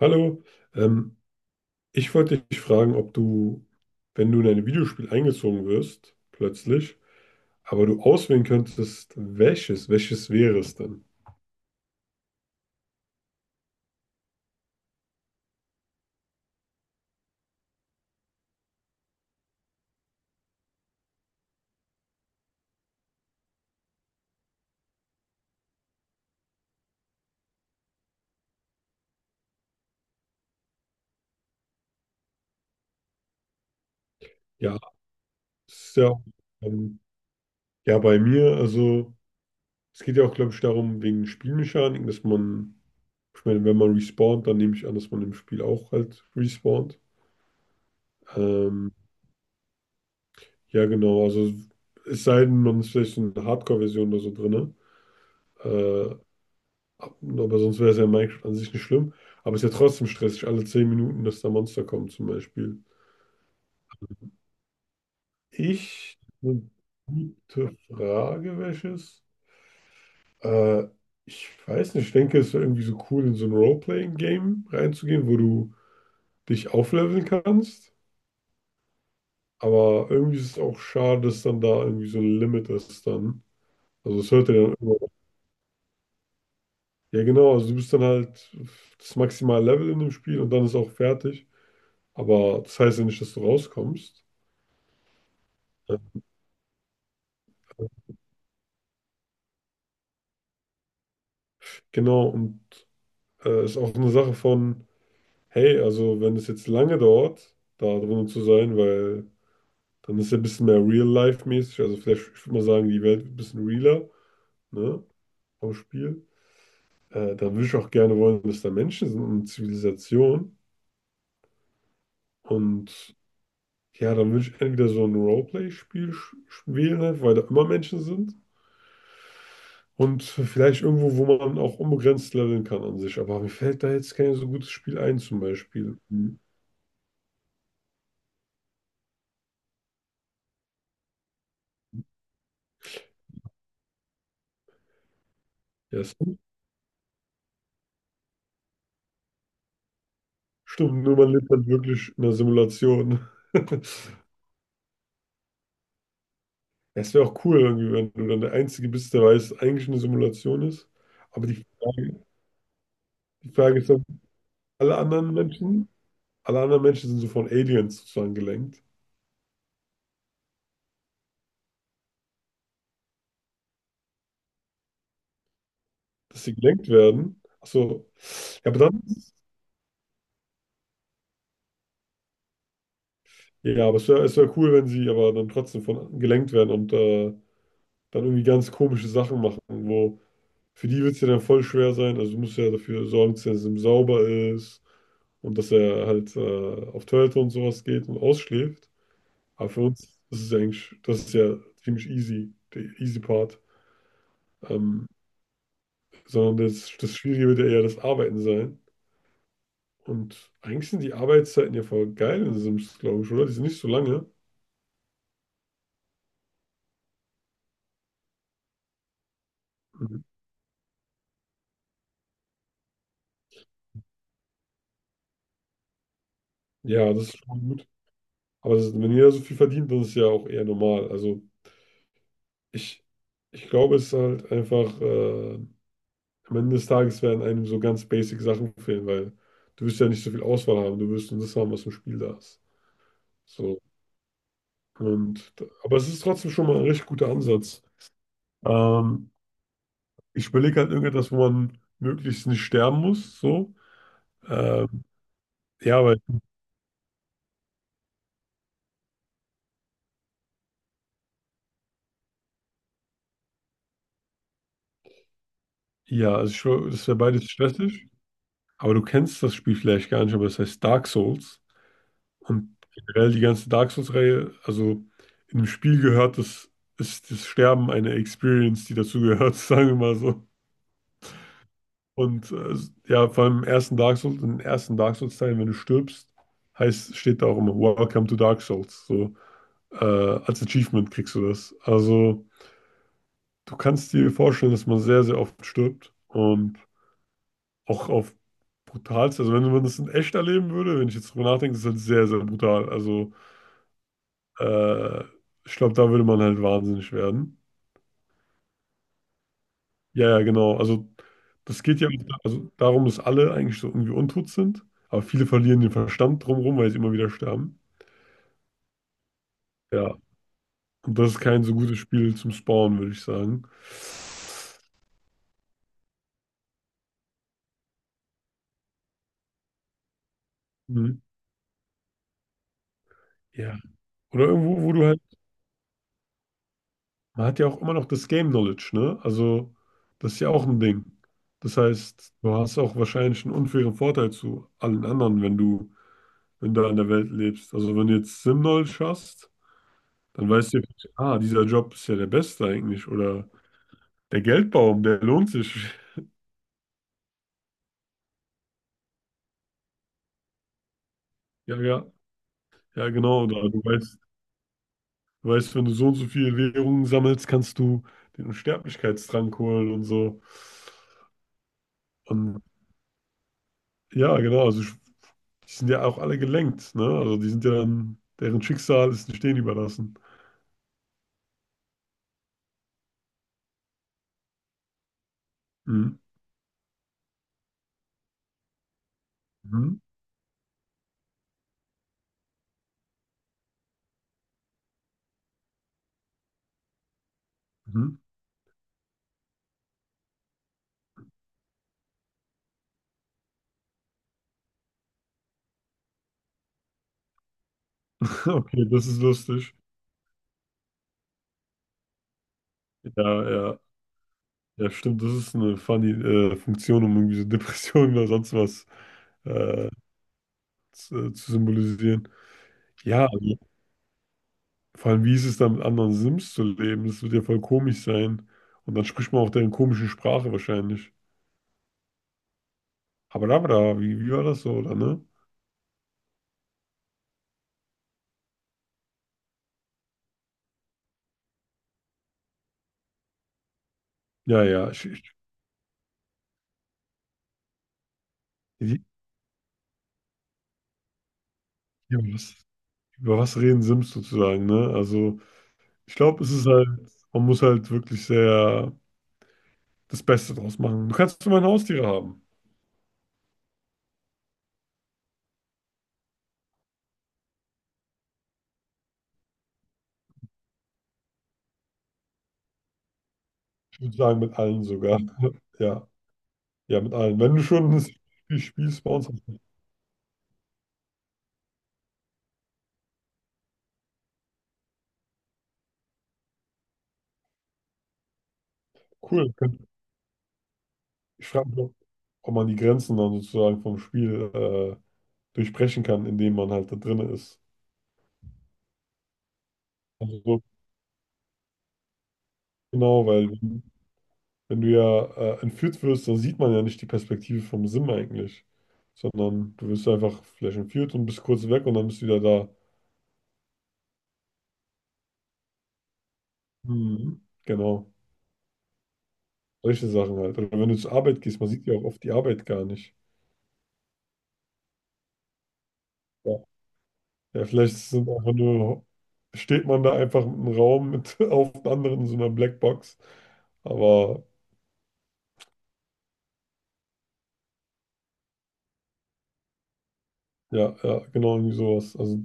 Hallo, ähm, ich wollte dich fragen, ob du, wenn du in ein Videospiel eingezogen wirst, plötzlich, aber du auswählen könntest, welches wäre es denn? Ja, das ist ja, ähm, ja bei mir, also. Es geht ja auch, glaube ich, darum, wegen Spielmechaniken, dass man, ich meine, wenn man respawnt, dann nehme ich an, dass man im Spiel auch halt respawnt. Ähm, ja, genau, also es sei denn, man ist vielleicht so eine Hardcore-Version oder so drin. Äh, aber sonst wäre es ja in Minecraft an sich nicht schlimm. Aber es ist ja trotzdem stressig, alle 10 Minuten, dass da Monster kommen zum Beispiel. Eine gute Frage, welches? Äh, Ich weiß nicht, ich denke, es wäre irgendwie so cool, in so ein Role-Playing-Game reinzugehen, wo du dich aufleveln kannst. Aber irgendwie ist es auch schade, dass dann da irgendwie so ein Limit ist dann. Also es hört ja dann irgendwann auf. Ja, genau, also du bist dann halt das maximale Level in dem Spiel und dann ist auch fertig. Aber das heißt ja nicht, dass du rauskommst. Ja, genau, und ist auch eine Sache von, hey, also wenn es jetzt lange dauert, da drinnen zu sein, weil dann ist ja ein bisschen mehr Real-Life-mäßig. Also vielleicht, ich würde mal sagen, die Welt wird ein bisschen realer, ne? Vom Spiel. Da würde ich auch gerne wollen, dass da Menschen sind und Zivilisation. Und ja, dann würde ich entweder so ein Roleplay-Spiel wählen, weil da immer Menschen sind. Und vielleicht irgendwo, wo man auch unbegrenzt leveln kann an sich. Aber mir fällt da jetzt kein so gutes Spiel ein, zum Beispiel. Mhm. Ja, stimmt. Stimmt, nur man lebt dann wirklich in einer Simulation. Es wäre auch cool, irgendwie, wenn du dann der Einzige bist, der weiß, dass eigentlich eine Simulation ist. Aber die Frage ist, dann alle anderen Menschen alle anderen Menschen sind so von Aliens sozusagen gelenkt, dass sie gelenkt werden. Ach so. Ja, aber dann, ja, aber es wär cool, wenn sie aber dann trotzdem von gelenkt werden und dann irgendwie ganz komische Sachen machen, wo für die wird es ja dann voll schwer sein. Also du musst ja dafür sorgen, dass er sauber ist und dass er halt auf Toilette und sowas geht und ausschläft. Aber für uns ist es ja eigentlich, das ist ja ziemlich easy, der easy Part. Ähm, Sondern das, Schwierige wird ja eher das Arbeiten sein. Und eigentlich sind die Arbeitszeiten ja voll geil in Sims, glaube ich, oder? Die sind nicht so lange. Mhm. Ja, das ist schon gut. Aber wenn jeder so viel verdient, dann ist es ja auch eher normal. Also ich, ich glaube, es ist halt einfach, am Ende des Tages werden einem so ganz basic Sachen fehlen, weil du wirst ja nicht so viel Auswahl haben, du wirst nur das haben, was im Spiel da ist. So. Und, aber es ist trotzdem schon mal ein richtig guter Ansatz. Ähm, Ich überlege halt irgendetwas, wo man möglichst nicht sterben muss. So. Ähm, ja, weil Ja, also schon, das ist ja beides stressig, aber du kennst das Spiel vielleicht gar nicht, aber es heißt Dark Souls. Und generell die ganze Dark Souls-Reihe, also in dem Spiel ist das Sterben eine Experience, die dazu gehört, sagen wir mal so. Und ja, vor allem im ersten Dark Souls-Teil, wenn du stirbst, steht da auch immer Welcome to Dark Souls. So, als Achievement kriegst du das. Also, du kannst dir vorstellen, dass man sehr, sehr oft stirbt. Und auch auf brutalste, also wenn man das in echt erleben würde, wenn ich jetzt drüber nachdenke, ist das halt sehr, sehr brutal. Also äh, ich glaube, da würde man halt wahnsinnig werden. Ja, ja, genau. Also das geht ja auch also darum, dass alle eigentlich so irgendwie untot sind, aber viele verlieren den Verstand drumherum, weil sie immer wieder sterben. Ja, und das ist kein so gutes Spiel zum Spawnen, würde ich sagen. Mhm. Ja. Oder irgendwo, wo du halt Man hat ja auch immer noch das Game Knowledge, ne? Also, das ist ja auch ein Ding. Das heißt, du hast auch wahrscheinlich einen unfairen Vorteil zu allen anderen, wenn du, an der Welt lebst. Also, wenn du jetzt Sim-Knowledge hast, dann weißt du, dieser Job ist ja der beste eigentlich. Oder der Geldbaum, der lohnt sich. Ja, ja, ja, genau. Oder du weißt, wenn du so und so viele Währungen sammelst, kannst du den Unsterblichkeitstrank holen und so. Und ja, genau. Also, die sind ja auch alle gelenkt, ne? Also die sind ja dann, deren Schicksal ist den Stehen überlassen. Mhm. Mhm. Mhm. Okay, das ist lustig. Ja, ja, ja, stimmt, das ist eine funny Funktion, um irgendwie so Depressionen oder sonst was äh, zu symbolisieren. Ja, also, vor allem, wie ist es dann mit anderen Sims zu leben? Das wird ja voll komisch sein. Und dann spricht man auch deren komischen Sprache wahrscheinlich. Habadabada, wie war das so, oder, ne? Ja, ja, die- ja, über was reden Sims sozusagen, ne? Also, ich glaube, es ist halt, man muss halt wirklich sehr das Beste draus machen. Du kannst immer Haustiere haben. Ich würde sagen, mit allen sogar. Ja, ja, mit allen. Wenn du schon ein Spiel spielst bei uns, cool. Ich frage mich, ob man die Grenzen dann sozusagen vom Spiel durchbrechen kann, indem man halt da drin ist. Also, so, genau, weil wenn, wenn du ja entführt wirst, dann sieht man ja nicht die Perspektive vom Sim eigentlich, sondern du wirst einfach vielleicht entführt und bist kurz weg und dann bist du wieder da. Mhm, genau. Solche Sachen halt. Oder wenn du zur Arbeit gehst, man sieht ja auch oft die Arbeit gar nicht. Ja, ja vielleicht sind einfach nur, steht man da einfach im Raum mit auf den anderen in so einer Blackbox. Aber ja, ja, genau irgendwie sowas. Also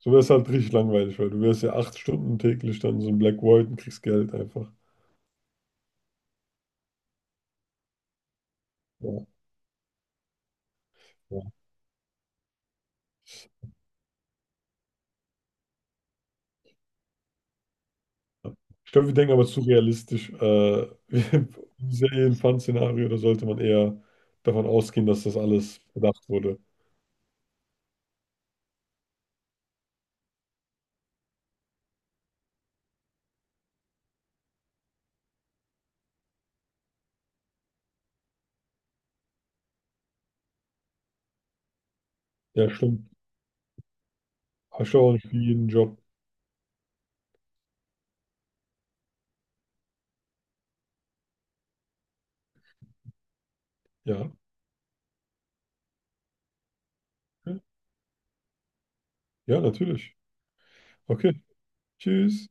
so wäre es halt richtig langweilig, weil du wärst ja 8 Stunden täglich dann so ein Black Void und kriegst Geld einfach. Ja, ja. Ich glaube, wir denken aber zu realistisch. Ist ja eh ein Fun-Szenario, da sollte man eher davon ausgehen, dass das alles bedacht wurde. Ja, stimmt. Hast du auch nicht jeden Job. Ja, okay. Ja, natürlich. Okay, tschüss.